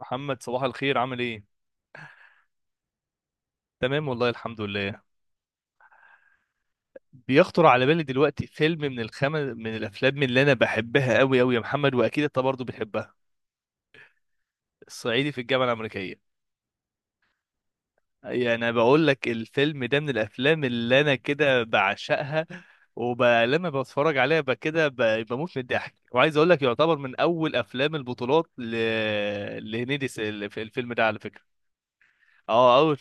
محمد، صباح الخير، عامل ايه؟ تمام والله الحمد لله. بيخطر على بالي دلوقتي فيلم من الافلام اللي انا بحبها قوي قوي يا محمد، واكيد انت برضه بتحبها. الصعيدي في الجامعه الامريكيه. يعني انا بقول لك الفيلم ده من الافلام اللي انا كده بعشقها. ولما بتفرج عليها كده بموت من الضحك، وعايز اقول لك يعتبر من اول افلام البطولات لهنيدي في الفيلم ده على فكره. اه، اول.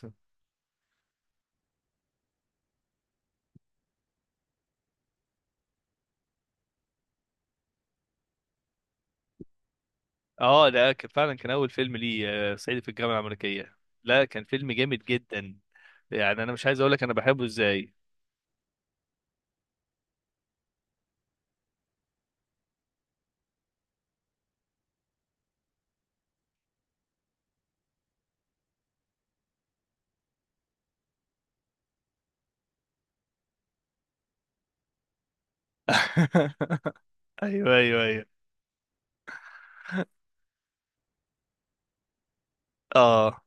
اه ده كان فعلا كان اول فيلم لي، صعيدي في الجامعه الامريكيه. لا كان فيلم جامد جدا، يعني انا مش عايز اقول لك انا بحبه ازاي. ايوه، ايوه، ايوه. اه،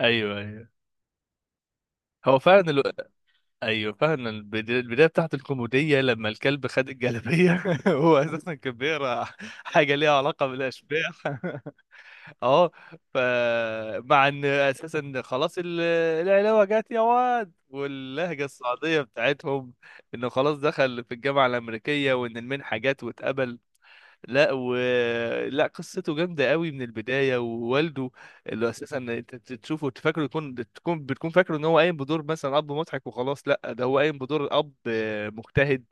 ايوه ايوه. هو فعلا ايوه فعلا البدايه بتاعت الكوميديه لما الكلب خد الجلابيه هو اساسا كان بيقرا حاجه ليها علاقه بالاشباح اه. فمع ان اساسا خلاص العلاوه جت يا واد، واللهجه الصعيديه بتاعتهم، انه خلاص دخل في الجامعه الامريكيه وان المنحه جت واتقبل. لا، و لا قصته جامده قوي من البدايه، ووالده اللي اساسا انت تشوفه تفكره تكون بتكون فاكره ان هو قايم بدور مثلا اب مضحك وخلاص، لا ده هو قايم بدور اب مجتهد،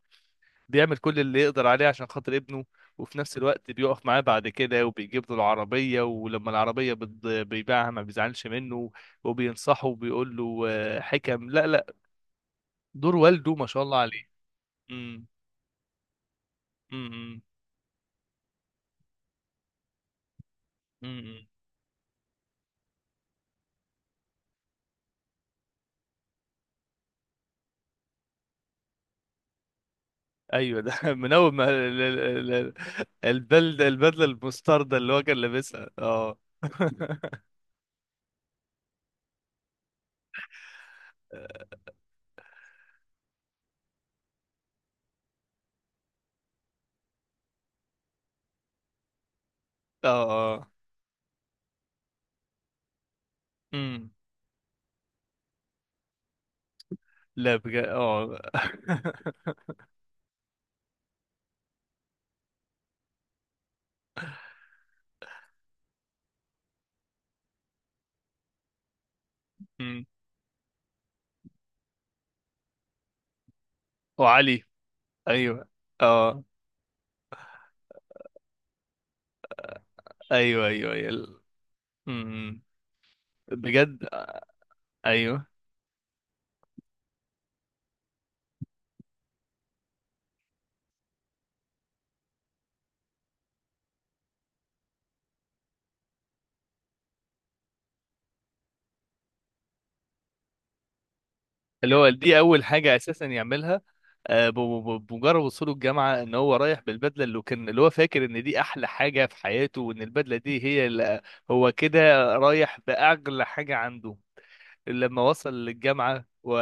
بيعمل كل اللي يقدر عليه عشان خاطر ابنه. وفي نفس الوقت بيقف معاه بعد كده، وبيجيب له العربية، ولما العربية بيبيعها ما بيزعلش منه، وبينصحه وبيقول له حكم. لا، لا. دور والده ما شاء الله عليه. امم. امم. امم. ايوه. ده من اول ما البدله المستردة اللي هو كان لابسها، اه اه. اه. امم. لا بجد، اه امم. وعلي. ايوه. اه، ايوه، ايوه، ايوه. امم. بجد. ايوه. اللي هو دي اول حاجه اساسا يعملها، بمجرد وصوله الجامعه، ان هو رايح بالبدله اللي كان اللي هو فاكر ان دي احلى حاجه في حياته، وان البدله دي هي اللي هو كده رايح باغلى حاجه عنده لما وصل للجامعه و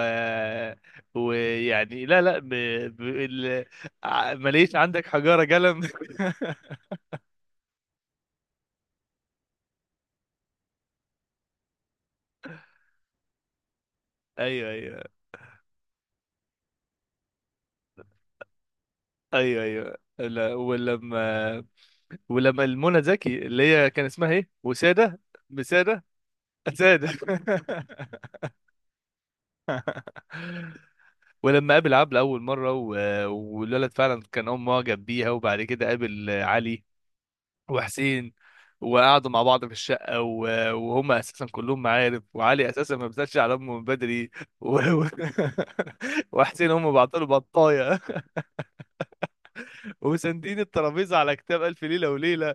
ويعني لا، لا ب... ال... ماليش عندك حجاره قلم ايوه، ايوه، ايوه، ايوه. لا، ولما ولما المنى زكي اللي هي كان اسمها ايه، وسادة. بسادة. سادة ولما قابل عبلة أول مرة، و... والولد فعلا كان معجب بيها، وبعد كده قابل علي وحسين، وقعدوا مع بعض في الشقة، و... وهم أساسا كلهم معارف، وعلي أساسا ما بيسألش على أمه من بدري. و... و... وحسين هم بعطوا بطاية وساندين الترابيزة على كتاب ألف ليلة وليلة.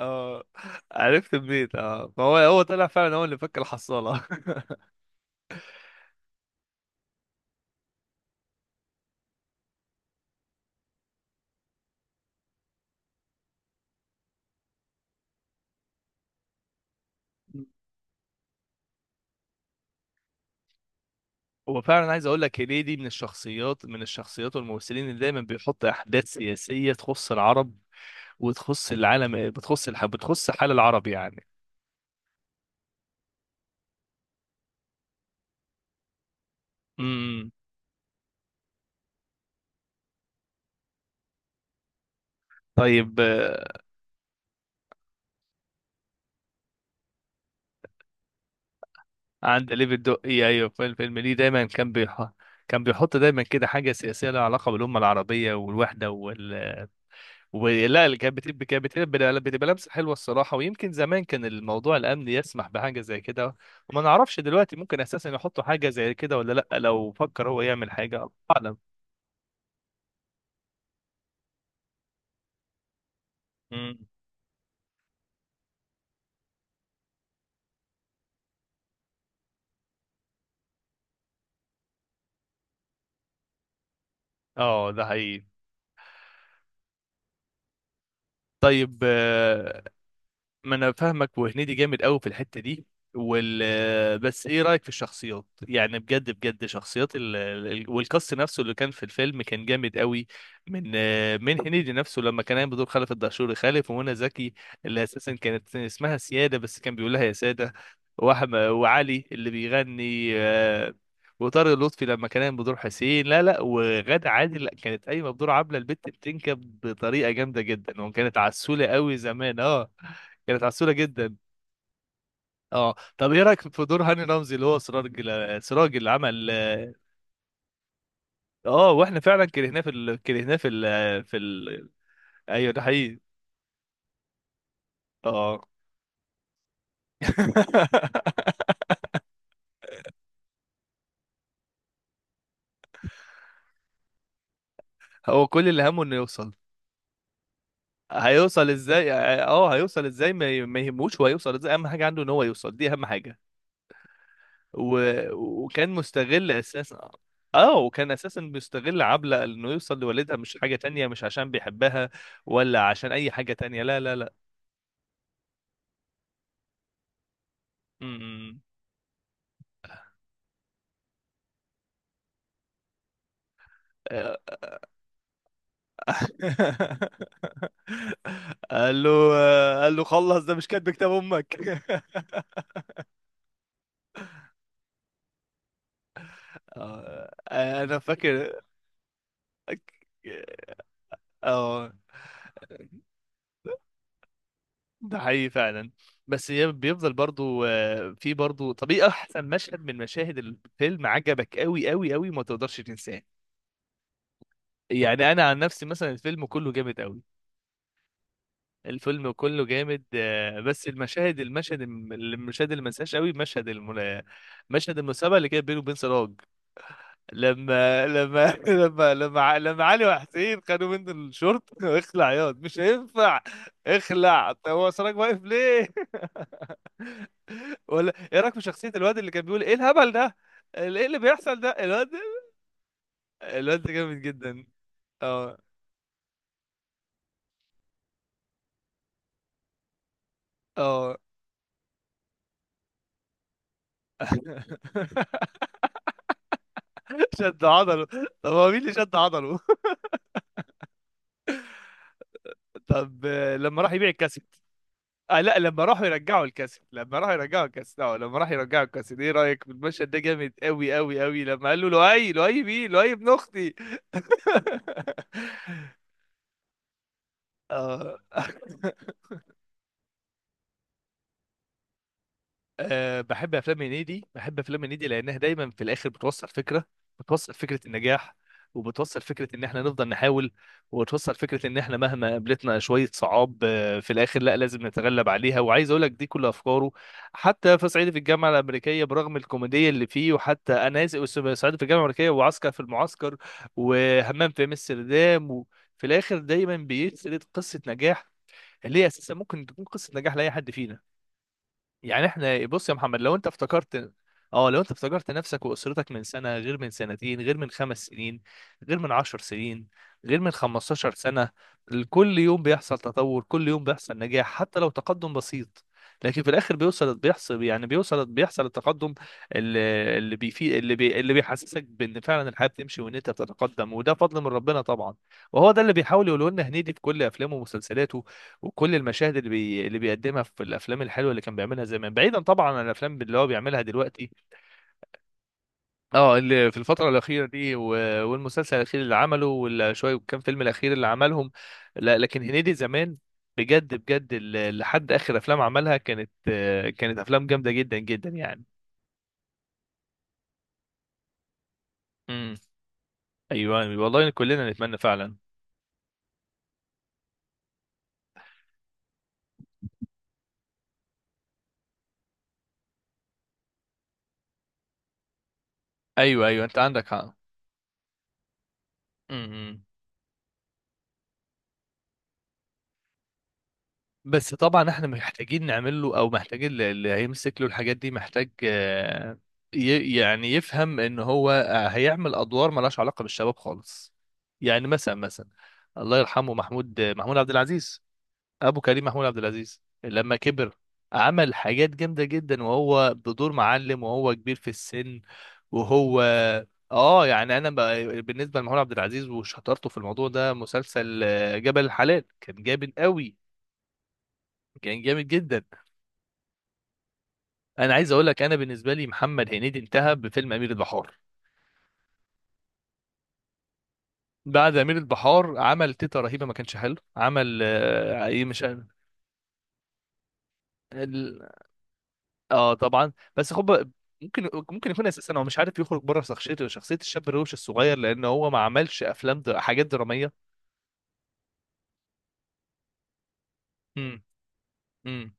اه، عرفت منين، اه فهو طلع فعلا هو اللي فك الحصالة. هو فعلا عايز اقول لك هنيدي من الشخصيات، والممثلين اللي دايما بيحط احداث سياسيه تخص العرب وتخص العالم، بتخص حال العرب يعني. امم. طيب، عند ليفي الدقي، ايوه، في الفيلم ليه دايما كان بيحط دايما كده حاجه سياسيه لها علاقه بالامه العربيه والوحده. ولا اللي كانت بتبقى، بتبقى لمسه حلوه الصراحه. ويمكن زمان كان الموضوع الامني يسمح بحاجه زي كده، وما نعرفش دلوقتي ممكن اساسا يحطوا حاجه زي كده ولا لا. لو فكر هو يعمل حاجه الله اعلم. مم. اه ده حقيقي. طيب، ما انا فاهمك، وهنيدي جامد قوي في الحته دي بس ايه رايك في الشخصيات؟ يعني بجد بجد شخصيات والكاست نفسه اللي كان في الفيلم كان جامد قوي، من من هنيدي نفسه لما كان قايم بدور خلف الدهشوري خالف، ومنى زكي اللي اساسا كانت اسمها سياده بس كان بيقول لها يا ساده، واحمد، وعلي اللي بيغني، وطارق لطفي لما كان قايم بدور حسين. لا، لا، وغادة عادل لا كانت قايمه بدور عبله البت بتنكب بطريقه جامده جدا، وكانت عسوله قوي زمان، اه. كانت عسولة جدا. اه طب ايه رايك في دور هاني رمزي اللي هو سراج، سراج اللي عمل؟ اه، واحنا فعلا كرهناه ايوه، ده حقيقي. اه هو كل اللي همه انه يوصل. هيوصل ازاي؟ اه هيوصل ازاي ما يهموش هو هيوصل ازاي، اهم حاجه عنده ان هو يوصل، دي اهم حاجه. و... وكان مستغل اساسا، اه وكان اساسا بيستغل عبلة انه يوصل لوالدها، مش حاجه تانية، مش عشان بيحبها، ولا عشان اي حاجه تانية، لا، لا، لا. م- م. قال له قال له خلص ده مش كاتب كتاب امك انا فاكر. اه ده حقيقي فعلا. بس هي بيفضل برضو، في برضو. طب ايه احسن مشهد من مشاهد الفيلم عجبك قوي قوي قوي ما تقدرش تنساه؟ يعني انا عن نفسي مثلا الفيلم كله جامد قوي. الفيلم كله جامد، بس المشاهد المشاهد اللي ما انساهاش قوي، مشهد المسابقه اللي كانت بينه وبين سراج، لما لما علي وحسين خدوا منه الشورت اخلع ياض مش هينفع. اخلع. طب هو سراج واقف ليه؟ ولا ايه رايك في شخصية الواد اللي كان بيقول ايه الهبل ده، ايه اللي بيحصل ده الواد؟ الواد ده جامد جدا. اه. اه شد عضله. طب هو مين اللي شد عضله؟ طب، لما راح يبيع الكاسيت. آه لا، لما راحوا يرجعوا الكاسيت، لما راحوا يرجعوا الكاسيت اه لما راحوا يرجعوا الكاسيت ايه رايك في المشهد ده؟ جامد قوي قوي قوي. لما قال له لؤي، لؤي مين؟ لؤي ابن اختي اه أه، بحب افلام هنيدي، بحب افلام هنيدي لانها دايما في الاخر بتوصل فكره، بتوصل فكره النجاح، وبتوصل فكره ان احنا نفضل نحاول، وبتوصل فكره ان احنا مهما قابلتنا شويه صعاب، في الاخر لا لازم نتغلب عليها. وعايز اقول لك دي كل افكاره، حتى في صعيدي في الجامعه الامريكيه برغم الكوميديه اللي فيه. وحتى انا اسف، صعيدي في الجامعه الامريكيه، وعسكر في المعسكر، وهمام في امستردام، وفي الاخر دايما بيسرد قصه نجاح اللي هي اساسا ممكن تكون قصه نجاح لاي حد فينا. يعني احنا بص يا محمد لو انت افتكرت، اه لو انت افتكرت نفسك واسرتك من سنه، غير من 2 سنين، غير من 5 سنين، غير من 10 سنين، غير من 15 سنه. كل يوم بيحصل تطور، كل يوم بيحصل نجاح حتى لو تقدم بسيط. لكن في الاخر بيوصل بيحصل يعني بيوصل بيحصل التقدم اللي اللي بيفي اللي بي اللي بيحسسك بان فعلا الحياه بتمشي وان انت بتتقدم، وده فضل من ربنا طبعا. وهو ده اللي بيحاول يقوله لنا هنيدي في كل افلامه ومسلسلاته، وكل المشاهد اللي بيقدمها في الافلام الحلوه اللي كان بيعملها زمان، بعيدا طبعا عن الافلام اللي هو بيعملها دلوقتي. اه اللي في الفتره الاخيره دي، و... والمسلسل الاخير اللي عمله، والشويه كام فيلم الاخير اللي عملهم. لا، لكن هنيدي زمان بجد بجد، لحد اخر افلام عملها كانت، كانت افلام جامده جدا جدا يعني. امم. ايوه والله كلنا نتمنى فعلا. ايوه، ايوه انت عندك حق. امم. بس طبعا احنا محتاجين نعمل له او محتاجين اللي هيمسك له الحاجات دي محتاج، يعني يفهم ان هو هيعمل ادوار ملهاش علاقه بالشباب خالص. يعني مثلا مثلا الله يرحمه محمود عبد العزيز. ابو كريم محمود عبد العزيز لما كبر عمل حاجات جامده جدا، وهو بدور معلم وهو كبير في السن. وهو اه يعني انا بالنسبه لمحمود عبد العزيز وشطارته في الموضوع ده، مسلسل، جبل الحلال كان جامد قوي. كان جامد جدا. انا عايز اقول لك انا بالنسبه لي محمد هنيدي انتهى بفيلم امير البحار. بعد امير البحار عمل تيتا رهيبه ما كانش حلو، عمل ايه مش عارف- ال- اه طبعا، بس خد بالك، ممكن يكون اساسا هو مش عارف يخرج بره شخصيته، شخصيه الشاب الروش الصغير، لان هو ما عملش افلام حاجات دراميه. امم. امم.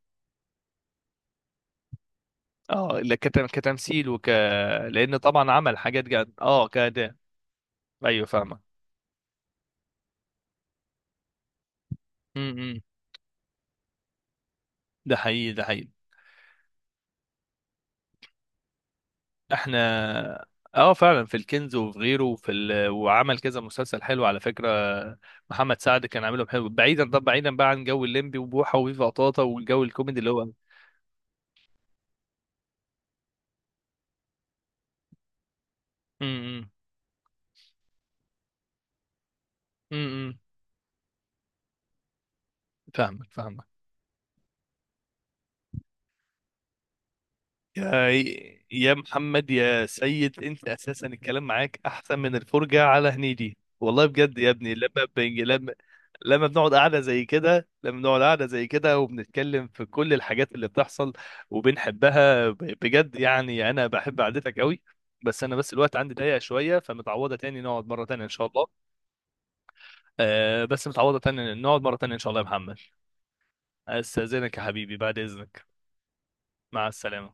اه لا، كتمثيل لان طبعا عمل حاجات جد، اه كده. ايوه فاهمه. امم. ده حقيقي، ده حقيقي. احنا اه فعلا في الكنز وفي غيره وعمل كذا مسلسل حلو على فكره. محمد سعد كان عاملهم حلو، بعيدا، طب بعيدا بقى عن جو الليمبي وبوحه وفيفا طاطا والجو الكوميدي اللي هو. امم. امم. فاهمك فاهمك. يا يا محمد يا سيد، انت اساسا الكلام معاك احسن من الفرجه على هنيدي والله بجد يا ابني، لما بنج لما لما بنقعد قاعده زي كده، وبنتكلم في كل الحاجات اللي بتحصل وبنحبها، بجد يعني انا بحب قعدتك قوي. بس الوقت عندي ضيق شويه، فمتعوضه تاني نقعد مره تانية ان شاء الله. آه بس متعوضه تاني نقعد مره تانية ان شاء الله يا محمد. استاذنك يا حبيبي، بعد اذنك. مع السلامه.